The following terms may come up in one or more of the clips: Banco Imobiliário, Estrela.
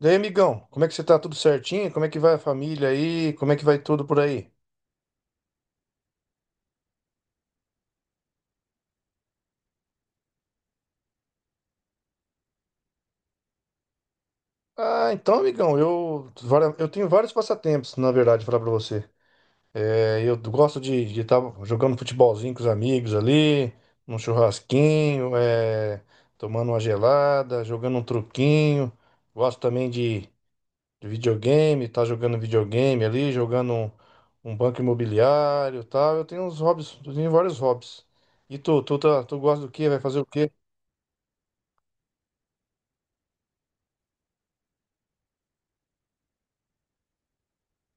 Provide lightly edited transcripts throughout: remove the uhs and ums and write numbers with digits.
Daí aí, amigão, como é que você tá? Tudo certinho? Como é que vai a família aí? Como é que vai tudo por aí? Ah, então, amigão, eu tenho vários passatempos, na verdade, falar pra você. É, eu gosto de estar jogando futebolzinho com os amigos ali, num churrasquinho, é, tomando uma gelada, jogando um truquinho. Gosto também de videogame, tá jogando videogame ali, jogando um banco imobiliário e tal. Eu tenho uns hobbies, eu tenho vários hobbies. E tu gosta do quê? Vai fazer o quê?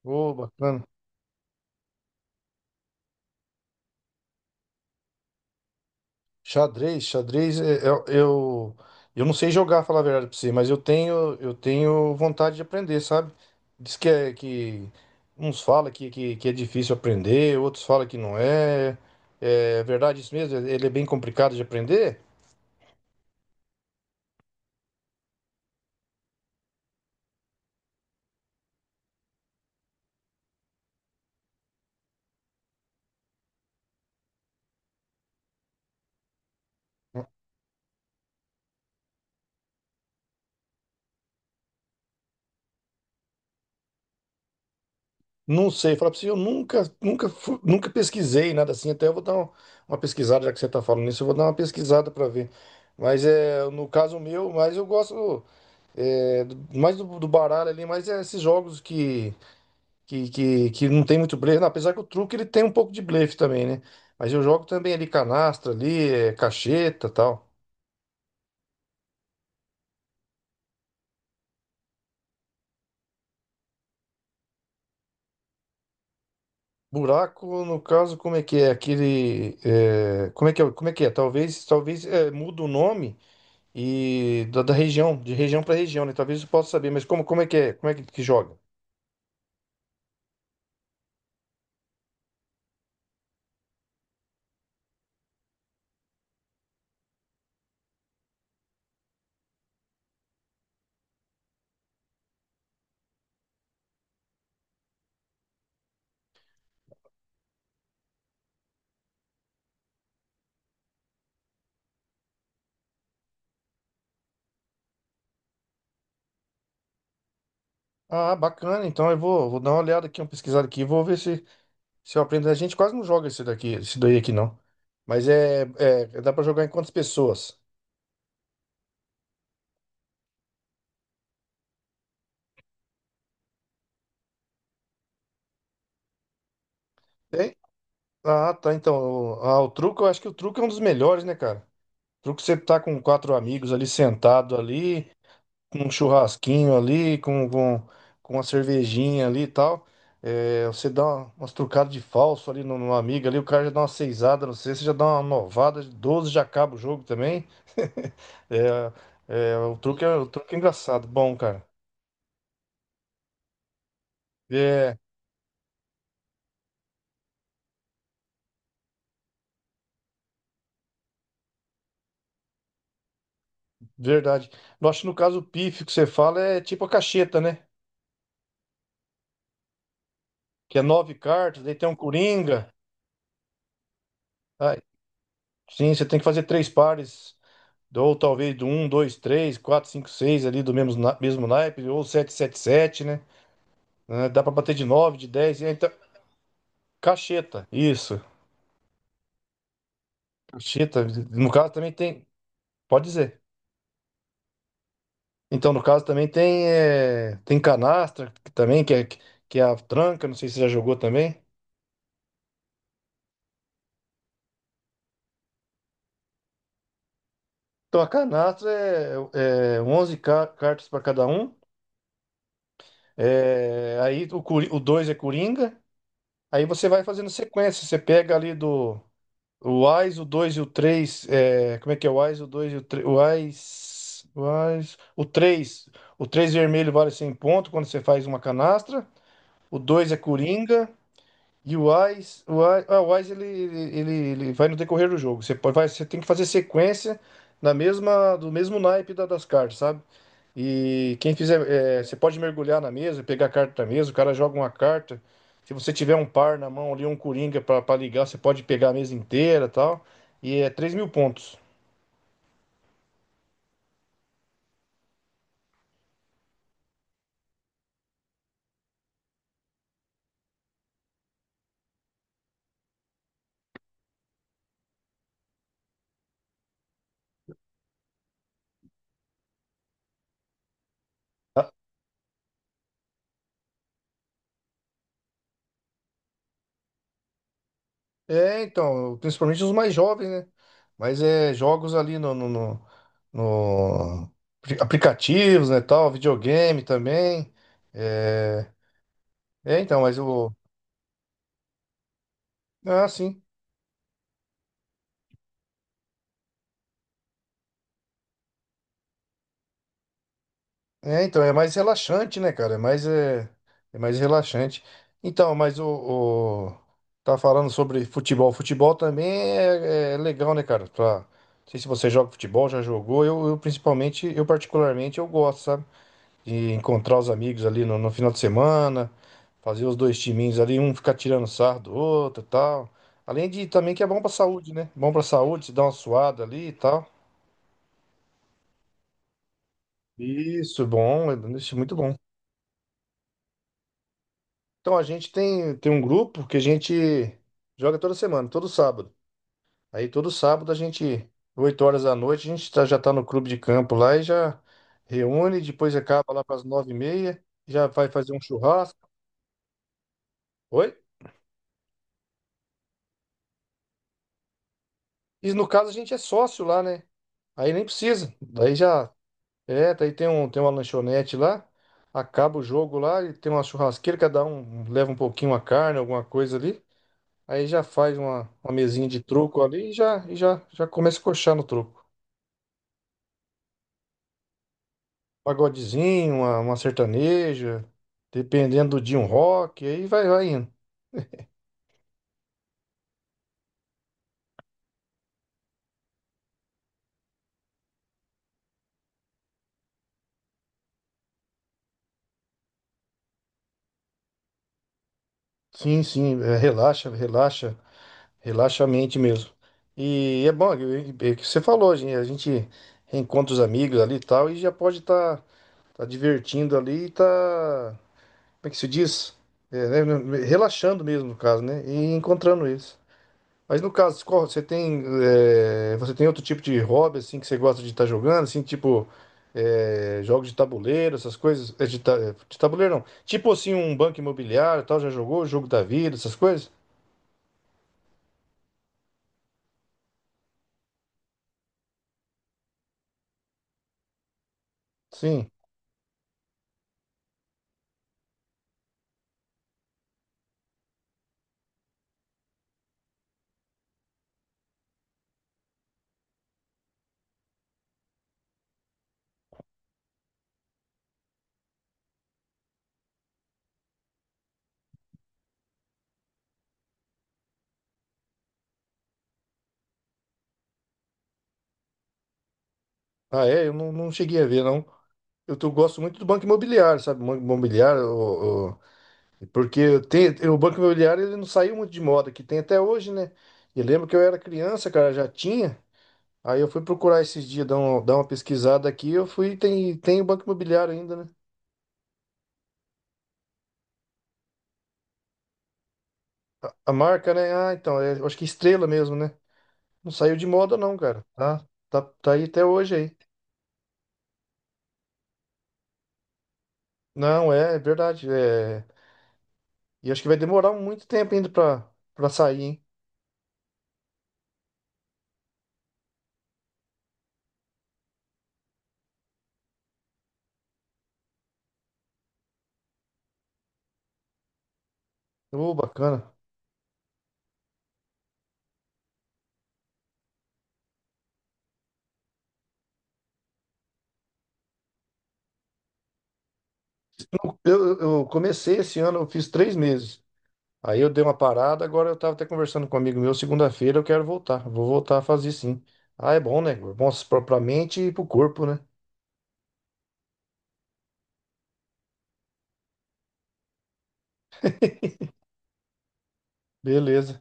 Ô, bacana. Xadrez, eu, não sei jogar, falar a verdade pra você, mas eu tenho vontade de aprender, sabe? Diz que uns falam que é difícil aprender, outros falam que não é. É verdade isso mesmo? Ele é bem complicado de aprender? Não sei, falar pra você, eu nunca pesquisei nada assim, até eu vou dar uma pesquisada, já que você tá falando nisso. Eu vou dar uma pesquisada pra ver. Mas no caso meu, mas eu gosto. É, mais do baralho ali, mas é esses jogos que não tem muito blefe. Não, apesar que o truque ele tem um pouco de blefe também, né? Mas eu jogo também ali canastra, ali, cacheta tal. Buraco, no caso, como é que é? Aquele. Como é que é? Como é que é? Talvez muda o nome e da região, de região para região, né? Talvez eu possa saber, mas como é que é? Como é que joga? Ah, bacana. Então eu vou dar uma olhada aqui, uma pesquisada aqui, vou ver se eu aprendo, a gente quase não joga esse daqui, esse daí aqui não. Mas dá pra jogar em quantas pessoas? É? Ah, tá. Então, o truco, eu acho que o truco é um dos melhores, né, cara? O truco é você tá com quatro amigos ali sentado ali, com um churrasquinho ali, com uma cervejinha ali e tal. É, você dá umas trucadas de falso ali no amigo ali, o cara já dá uma seisada, não sei, você já dá uma novada de 12, já acaba o jogo também. O truque é engraçado, bom, cara. É. Verdade. Eu acho que no caso o pífio que você fala é tipo a cacheta, né? Que é nove cartas, daí tem um coringa. Ah, sim, você tem que fazer três pares. Ou talvez do um, dois, três, quatro, cinco, seis ali do mesmo, mesmo naipe, ou sete, sete, sete, né? Ah, dá pra bater de nove, de dez. E então, cacheta, isso. Cacheta. No caso também tem. Pode dizer. Então, no caso também tem, tem canastra, que também, que é a tranca, não sei se você já jogou também. Então, a canastra é 11 cartas para cada um. É, aí o 2 é Coringa. Aí você vai fazendo sequência. Você pega ali do o Ás, o 2 e o 3. É, como é que é o Ás, o 2 e o 3? O 3 vermelho vale 100 pontos quando você faz uma canastra. O 2 é Coringa. E o Wise ele vai no decorrer do jogo. Você tem que fazer sequência do mesmo naipe das cartas, sabe? E quem fizer, você pode mergulhar na mesa, pegar a carta da mesa, o cara joga uma carta. Se você tiver um par na mão ali, um coringa pra ligar, você pode pegar a mesa inteira e tal. E é 3.000 pontos. É, então, principalmente os mais jovens, né? Mas é jogos ali no- aplicativos, né, tal, videogame também. É, é, então, mas o sim. É, então, é mais relaxante, né, cara? É mais relaxante. Então, mas o- tá falando sobre futebol. Futebol também é legal, né, cara? Não sei se você joga futebol, já jogou. Eu particularmente, eu gosto, sabe? De encontrar os amigos ali no final de semana, fazer os dois timinhos ali, um ficar tirando sarro do outro e tal. Além de também que é bom pra saúde, né? Bom pra saúde, se dá uma suada ali e tal. Isso, bom, isso é muito bom. Então a gente tem um grupo que a gente joga toda semana, todo sábado. Aí todo sábado a gente, 8 horas da noite, a gente já tá no clube de campo lá e já reúne, depois acaba lá pras 9h30, já vai fazer um churrasco. Oi? E no caso a gente é sócio lá, né? Aí nem precisa. Daí já. É, daí tem uma lanchonete lá. Acaba o jogo lá e tem uma churrasqueira, cada um leva um pouquinho a carne, alguma coisa ali. Aí já faz uma mesinha de truco ali e já começa a coxar no truco. Pagodezinho, uma sertaneja, dependendo do dia, um rock, aí vai indo. Sim, sim, relaxa a mente mesmo. E é bom, que você falou, gente, a gente reencontra os amigos ali e tal, e já pode tá divertindo ali e tá, como é que se diz? É, né, relaxando mesmo, no caso, né? E encontrando eles. Mas no caso, você tem outro tipo de hobby, assim, que você gosta de estar jogando, assim, tipo, jogos de tabuleiro, essas coisas, de tabuleiro não. Tipo assim, um banco imobiliário, e tal, já jogou o jogo da vida, essas coisas? Sim. Ah, é? Eu não, não cheguei a ver, não. Eu gosto muito do Banco Imobiliário, sabe? Banco Imobiliário, porque tem, o Banco Imobiliário ele não saiu muito de moda, que tem até hoje, né? E lembro que eu era criança, cara, já tinha. Aí eu fui procurar esses dias, dar uma pesquisada aqui, eu fui, tem o Banco Imobiliário ainda, né? A marca, né? Ah, então, eu acho que é Estrela mesmo, né? Não saiu de moda, não, cara. Tá, tá aí até hoje aí. Não, é verdade. É. E acho que vai demorar muito tempo ainda pra sair, hein? Ô, bacana. Eu comecei esse ano, eu fiz 3 meses. Aí eu dei uma parada, agora eu tava até conversando com um amigo meu, segunda-feira eu quero voltar. Vou voltar a fazer sim. Ah, é bom, né? Bom pra mente e pro corpo, né? Beleza.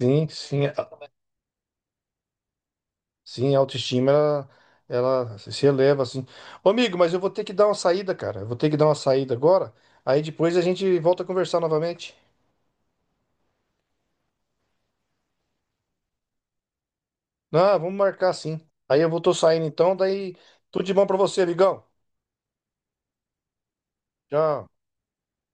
Sim, sim. Sim, a autoestima, ela se eleva, assim. Ô, amigo, mas eu vou ter que dar uma saída, cara. Eu vou ter que dar uma saída agora. Aí depois a gente volta a conversar novamente. Ah, vamos marcar sim. Aí eu vou, tô saindo então, daí tudo de bom pra você, amigão. Tchau.